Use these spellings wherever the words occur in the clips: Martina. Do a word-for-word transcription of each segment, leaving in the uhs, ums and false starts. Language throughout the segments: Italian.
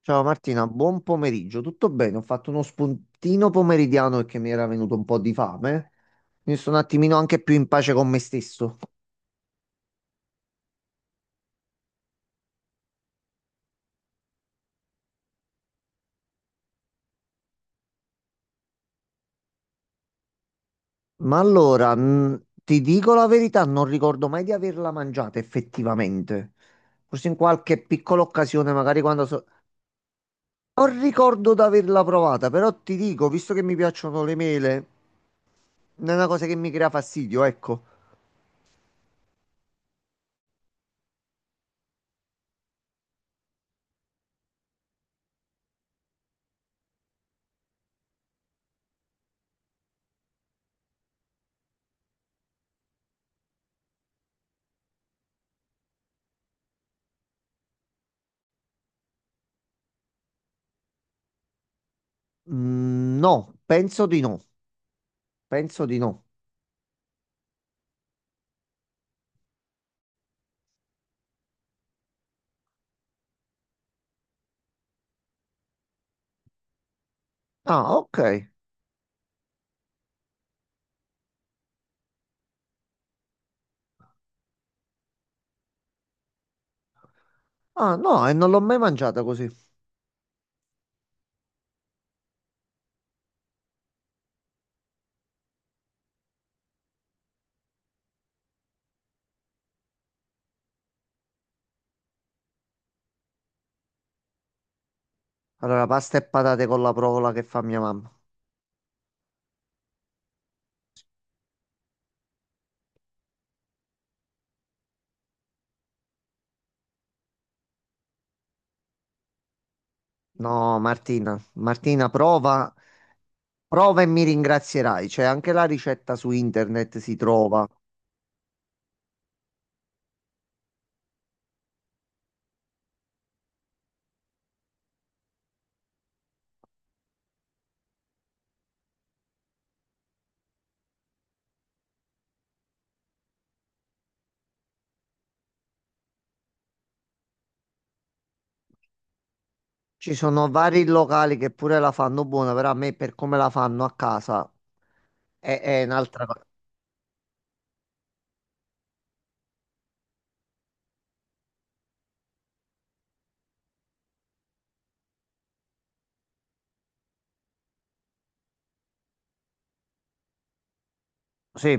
Ciao Martina, buon pomeriggio. Tutto bene? Ho fatto uno spuntino pomeridiano perché mi era venuto un po' di fame. Mi sono un attimino anche più in pace con me stesso. Ma allora, mh, ti dico la verità, non ricordo mai di averla mangiata effettivamente. Forse in qualche piccola occasione, magari quando so... Non ricordo di averla provata, però ti dico, visto che mi piacciono le mele, non è una cosa che mi crea fastidio, ecco. Mm, no, penso di no. Penso di no. Ah, ok. Ah, no, e non l'ho mai mangiata così. Allora, pasta e patate con la provola che fa mia mamma. No, Martina, Martina, prova, prova e mi ringrazierai. C'è anche la ricetta su internet, si trova. Ci sono vari locali che pure la fanno buona, però a me per come la fanno a casa è, è un'altra cosa. Sì,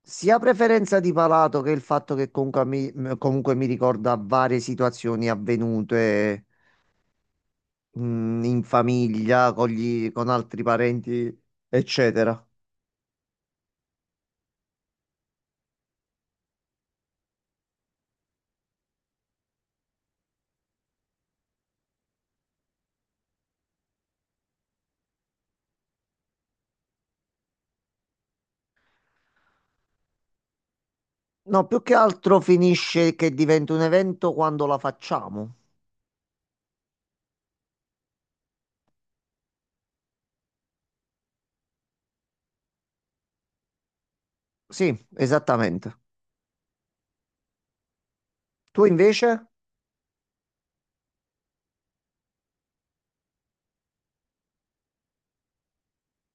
sia preferenza di palato che il fatto che comunque mi, m- comunque mi ricorda varie situazioni avvenute, mm, in famiglia, con gli- con altri parenti, eccetera. No, più che altro finisce che diventa un evento quando la facciamo. Sì, esattamente. Tu invece?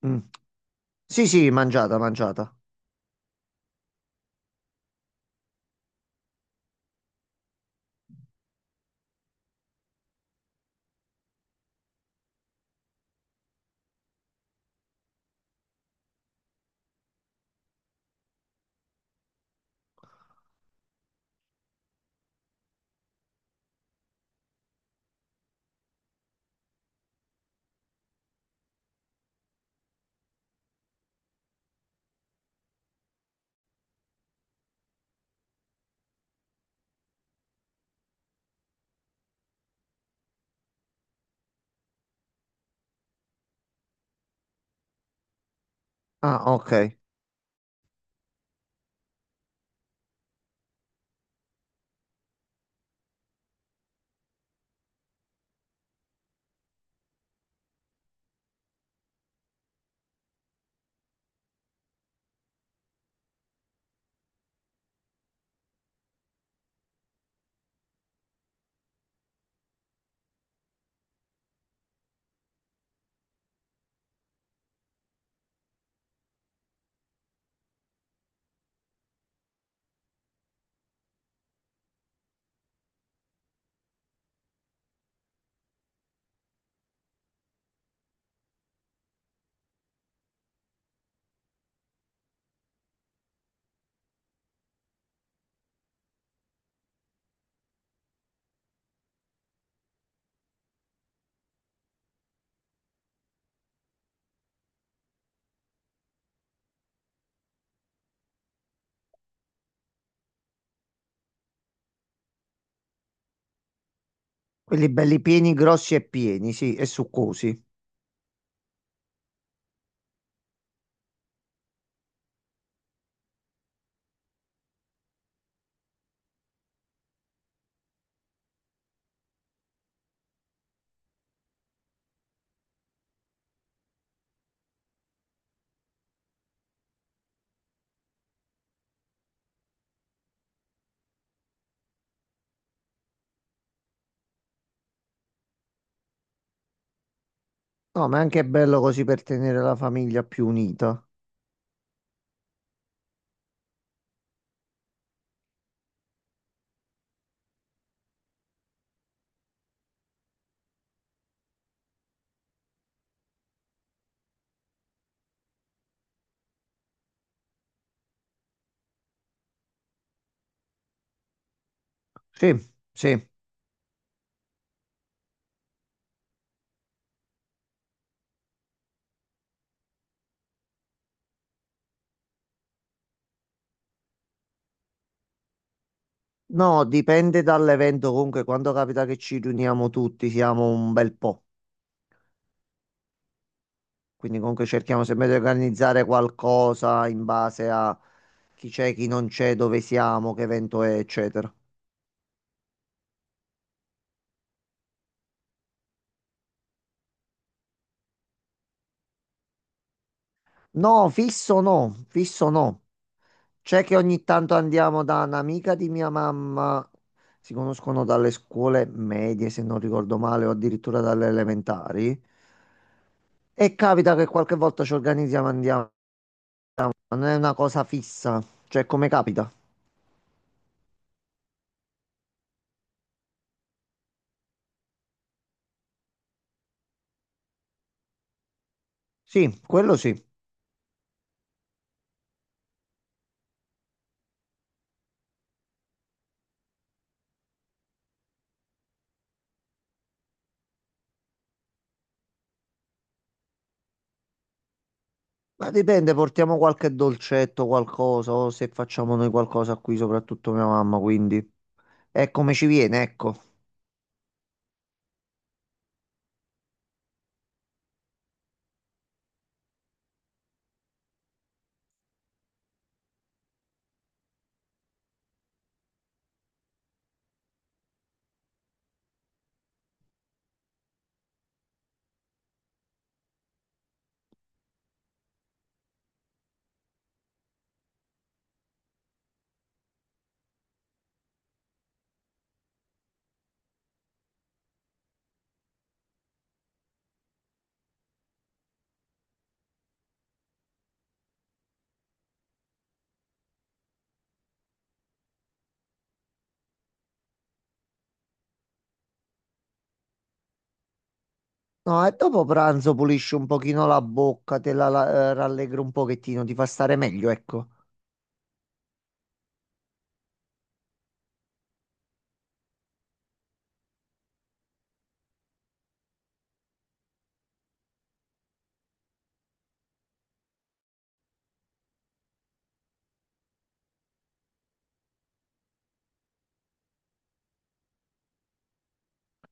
Mm. Sì, sì, mangiata, mangiata. Ah, ok. Quelli belli pieni, grossi e pieni, sì, e succosi. No, ma è anche bello così per tenere la famiglia più unita. Sì, sì. No, dipende dall'evento. Comunque, quando capita che ci riuniamo tutti, siamo un bel po'. Quindi comunque cerchiamo sempre di organizzare qualcosa in base a chi c'è, chi non c'è, dove siamo, che evento è, eccetera. No, fisso no, fisso no. C'è che ogni tanto andiamo da un'amica di mia mamma, si conoscono dalle scuole medie, se non ricordo male, o addirittura dalle elementari. E capita che qualche volta ci organizziamo e andiamo, ma non è una cosa fissa, cioè come capita. Sì, quello sì. Ma dipende, portiamo qualche dolcetto, qualcosa, o se facciamo noi qualcosa qui, soprattutto mia mamma, quindi è come ci viene, ecco. No, e dopo pranzo pulisci un pochino la bocca, te la, la- eh, rallegri un pochettino, ti fa stare meglio, ecco.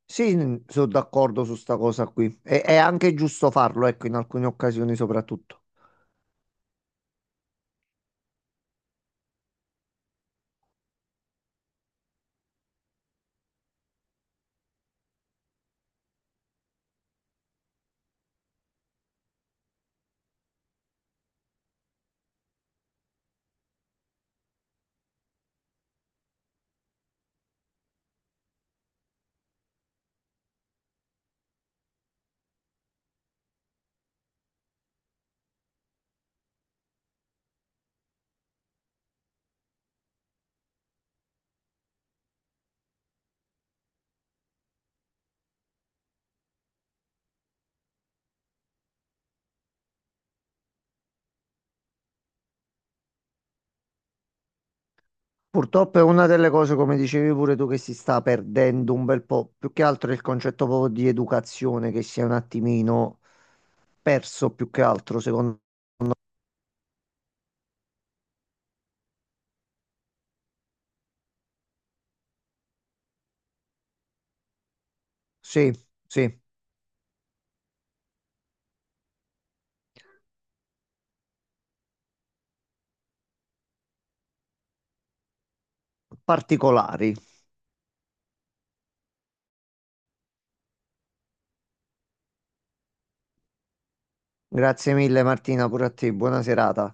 Sì, sono d'accordo su sta cosa qui. E, è anche giusto farlo, ecco, in alcune occasioni soprattutto. Purtroppo è una delle cose, come dicevi pure tu, che si sta perdendo un bel po'. Più che altro è il concetto proprio di educazione, che si è un attimino perso più che altro, secondo me. Sì, sì, particolari. Grazie mille Martina, pure a te, buona serata.